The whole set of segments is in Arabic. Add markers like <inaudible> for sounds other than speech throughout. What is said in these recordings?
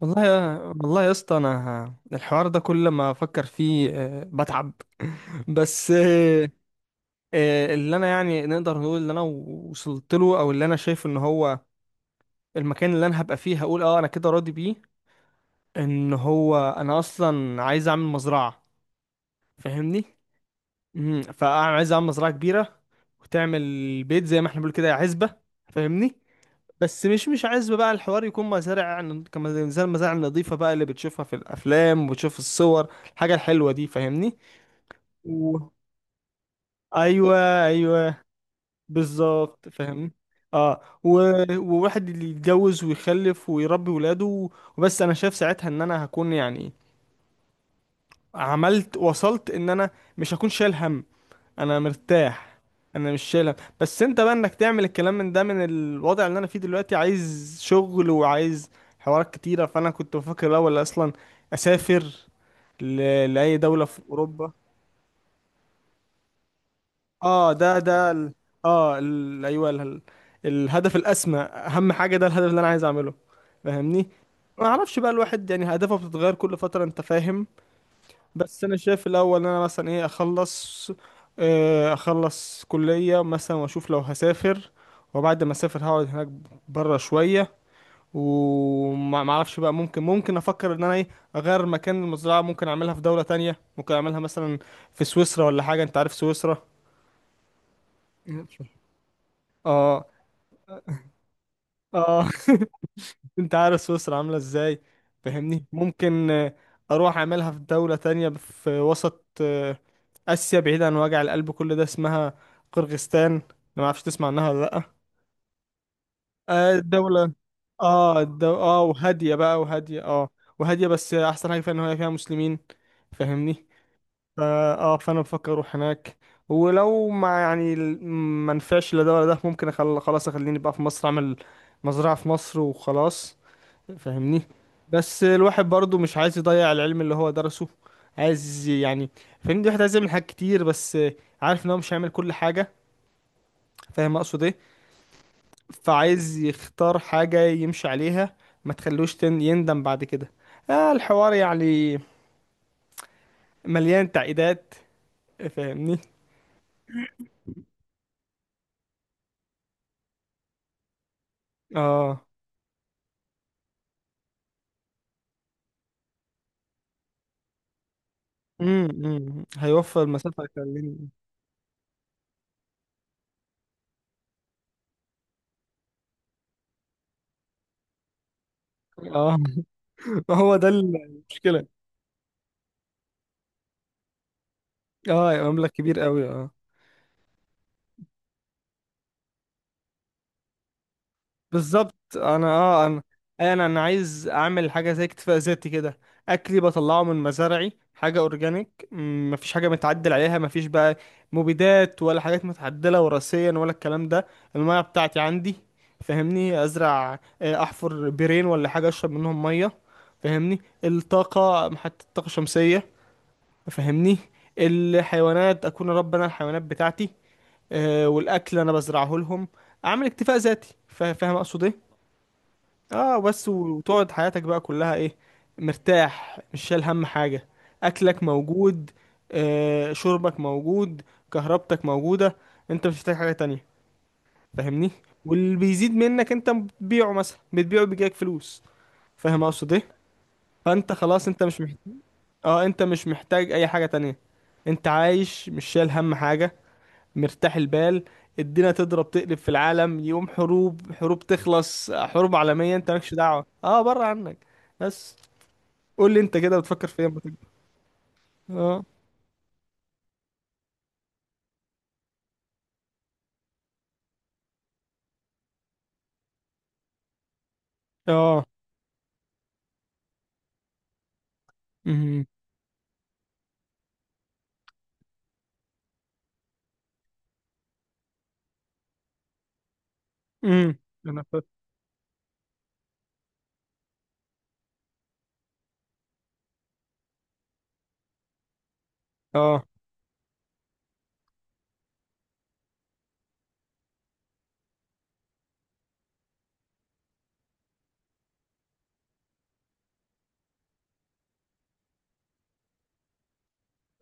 والله يا والله يا اسطى انا الحوار ده كل ما افكر فيه بتعب. <laughs> بس اللي انا يعني نقدر نقول اللي انا وصلت له او اللي انا شايف ان هو المكان اللي انا هبقى فيه هقول اه انا كده راضي بيه، ان هو انا اصلا عايز اعمل مزرعة. فاهمني؟ فانا عايز اعمل مزرعة كبيرة وتعمل بيت زي ما احنا بنقول كده عزبة. فاهمني؟ بس مش عايز بقى الحوار يكون مزارع، يعني كما زي المزارع النظيفة بقى اللي بتشوفها في الأفلام وبتشوف الصور الحاجة الحلوة دي. فاهمني؟ و... أيوة، أيوة، بالظبط فاهم. اه وواحد اللي يتجوز ويخلف ويربي ولاده وبس أنا شايف ساعتها إن أنا هكون يعني عملت، وصلت إن أنا مش هكون شايل هم. انا مرتاح، انا مش شايلها. بس انت بقى انك تعمل الكلام من ده، من الوضع اللي انا فيه دلوقتي، عايز شغل وعايز حوارات كتيرة. فانا كنت بفكر الاول اصلا اسافر ل... لاي دولة في اوروبا. اه ده ده اه ايوه الهدف الاسمى، اهم حاجة، ده الهدف اللي انا عايز اعمله. فاهمني؟ ما اعرفش بقى، الواحد يعني اهدافه بتتغير كل فترة، انت فاهم. بس انا شايف الاول ان انا مثلا ايه، اخلص، اخلص كلية مثلا واشوف لو هسافر. وبعد ما اسافر هقعد هناك بره شوية، وما ما اعرفش بقى، ممكن افكر ان انا ايه، اغير مكان المزرعة، ممكن اعملها في دولة تانية، ممكن اعملها مثلا في سويسرا ولا حاجة، انت عارف سويسرا. اه. اه. <laughs> انت عارف سويسرا عاملة ازاي. فاهمني؟ ممكن اروح اعملها في دولة تانية في وسط آسيا، بعيدة عن وجع القلب كل ده، اسمها قرغستان. أنا ما اعرفش تسمع عنها ولا لأ. آه، الدولة. اه اه وهادية بقى، وهادية اه، وهادية. بس أحسن حاجة فيها إن هي فيها مسلمين. فاهمني؟ فا، اه، فأنا بفكر أروح هناك. ولو ما يعني ما نفعش لا ده ولا ده، ممكن خلاص أخليني بقى في مصر، أعمل مزرعة في مصر وخلاص. فاهمني؟ بس الواحد برضو مش عايز يضيع العلم اللي هو درسه، عايز يعني، فاهمني، الواحد عايز يعمل حاجات كتير، بس عارف ان هو مش هيعمل كل حاجة. فاهم اقصد ايه؟ فعايز يختار حاجة يمشي عليها، ما تخلوش يندم بعد كده. آه، الحوار يعني مليان تعقيدات. فاهمني؟ اه. هيوفر المسافة هيخليني. اه. <laughs> ما هو ده المشكلة. اه، يبقى مبلغ كبير قوي، اه. بالظبط انا، اه انا، انا عايز اعمل حاجه زي اكتفاء ذاتي كده. اكلي بطلعه من مزارعي، حاجه اورجانيك، مفيش حاجه متعدل عليها، مفيش بقى مبيدات ولا حاجات متعدله وراثيا ولا الكلام ده. الميه بتاعتي عندي، فاهمني، ازرع، احفر بيرين ولا حاجه اشرب منهم ميه. فاهمني؟ الطاقه، حتى الطاقه الشمسيه. فاهمني؟ الحيوانات، اكون رب انا الحيوانات بتاعتي، والاكل انا بزرعه لهم. اعمل اكتفاء ذاتي. فاهم اقصد ايه؟ اه، بس وتقعد حياتك بقى كلها ايه، مرتاح مش شايل هم حاجة. اكلك موجود، آه، شربك موجود، كهربتك موجودة، انت مش محتاج حاجة تانية. فاهمني؟ واللي بيزيد منك انت بتبيعه، مثلا بتبيعه بيجيلك فلوس. فاهم اقصد ايه؟ فانت خلاص، انت مش محتاج. اه، انت مش محتاج اي حاجة تانية، انت عايش مش شايل هم حاجة، مرتاح البال. الدنيا تضرب تقلب في العالم، يقوم حروب، حروب تخلص، حروب عالمية، انت مالكش دعوة، اه، بره عنك. بس قول لي انت كده بتفكر في ايه لما تكبر. اه. اه. امم. امم. انا فاهم. اه.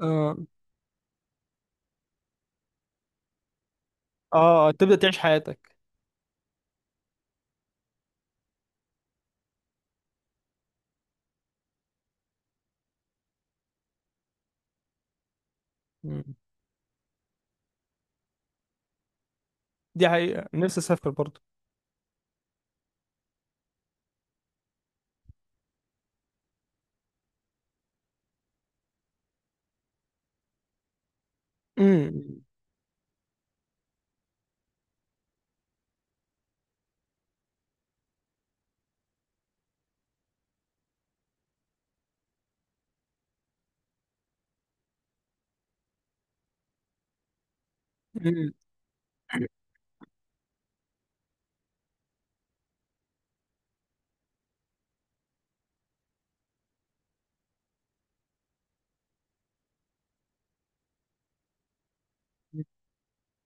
اه. اه، تبدأ تعيش حياتك. مم. دي حقيقة نفسي اسافر برضو. امم. امم.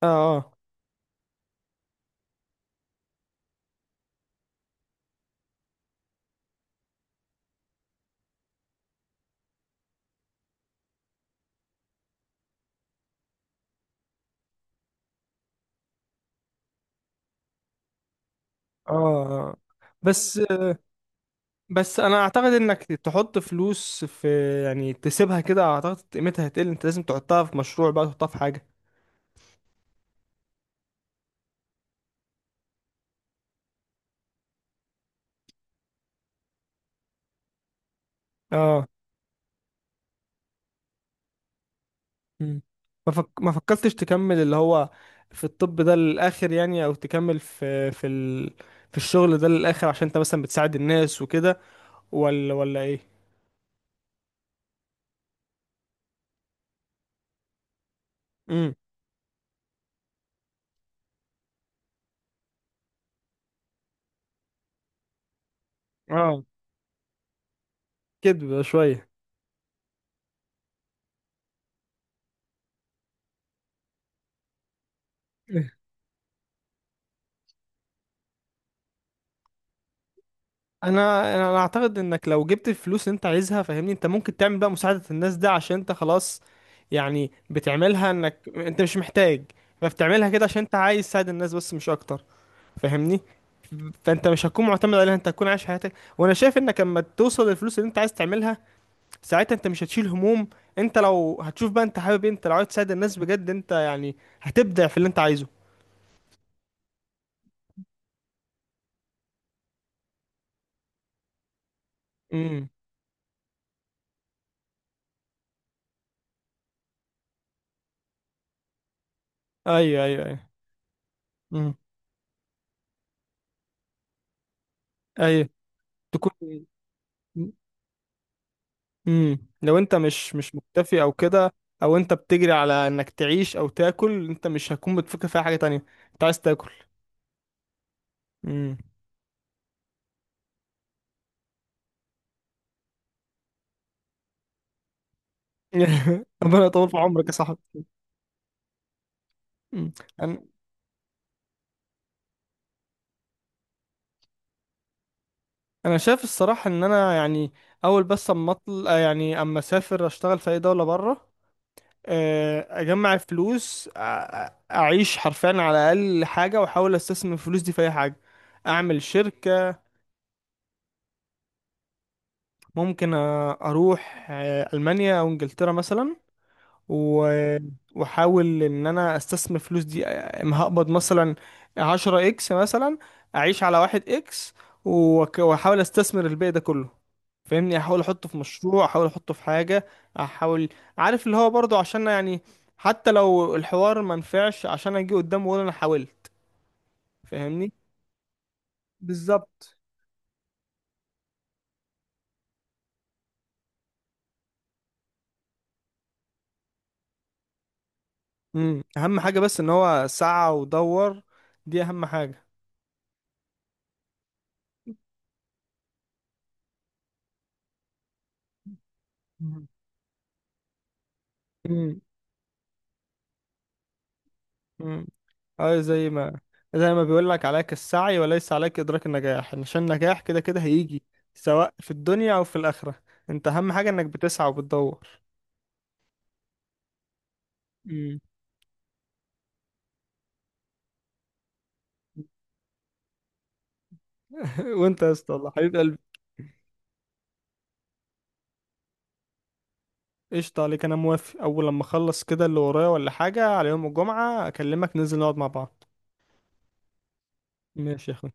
اه. اه. اه. بس بس انا اعتقد انك تحط فلوس في، يعني تسيبها كده اعتقد قيمتها هتقل، انت لازم تحطها في مشروع بقى، تحطها في حاجة. اه. مم. ما فكرتش تكمل اللي هو في الطب ده للآخر يعني، او تكمل في في الشغل ده للآخر، عشان انت مثلا بتساعد الناس وكده، ولا ايه؟ امم. اه، كدب شوية. <laughs> إيه. انا اعتقد انك لو جبت الفلوس اللي انت عايزها، فاهمني، انت ممكن تعمل بقى مساعدة الناس ده، عشان انت خلاص يعني بتعملها، انك انت مش محتاج. فبتعملها كده عشان انت عايز تساعد الناس، بس مش اكتر. فاهمني؟ فانت مش هتكون معتمد عليها، انت هتكون عايش حياتك. وانا شايف انك لما توصل للفلوس اللي انت عايز تعملها، ساعتها انت مش هتشيل هموم. انت لو هتشوف بقى انت حابب إيه، انت لو عايز تساعد الناس بجد، انت يعني هتبدع في اللي انت عايزه. امم. ايوه، ايوه، ايوه. امم. ايوه. تكون. امم، لو انت مش مكتفي او كده، او انت بتجري على انك تعيش او تاكل، انت مش هتكون بتفكر في أي حاجه تانية، انت عايز تاكل. امم. <laughs> ربنا يطول في عمرك يا صاحبي. أمم. انا شايف الصراحه ان انا يعني اول، بس اما اطل، آه يعني اما اسافر اشتغل في اي دوله بره، اجمع الفلوس، اعيش حرفيا على اقل حاجه، واحاول استثمر الفلوس دي في اي حاجه، اعمل شركه. ممكن اروح المانيا او انجلترا مثلا، و... واحاول ان انا استثمر الفلوس دي. اما هقبض مثلا 10 اكس مثلا، اعيش على واحد اكس، واحاول استثمر الباقي ده كله. فاهمني؟ احاول احطه في مشروع، احاول احطه في حاجة، احاول، عارف، اللي هو برضو عشان يعني حتى لو الحوار ما نفعش، عشان اجي قدام واقول انا حاولت. فاهمني؟ بالظبط. امم. اهم حاجة بس ان هو سعى ودور، دي اهم حاجة. مم. امم. اه، زي ما، زي ما بيقول لك، عليك السعي وليس عليك إدراك النجاح، عشان النجاح كده كده هيجي، سواء في الدنيا أو في الآخرة. أنت أهم حاجة إنك بتسعى وبتدور. امم. <laughs> وأنت يا اسطى والله حبيب قلبي. قشطة، عليك أنا موافق، أول لما أخلص كده اللي ورايا ولا حاجة على يوم الجمعة أكلمك ننزل نقعد مع بعض. ماشي يا أخوي.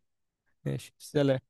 ماشي، سلام.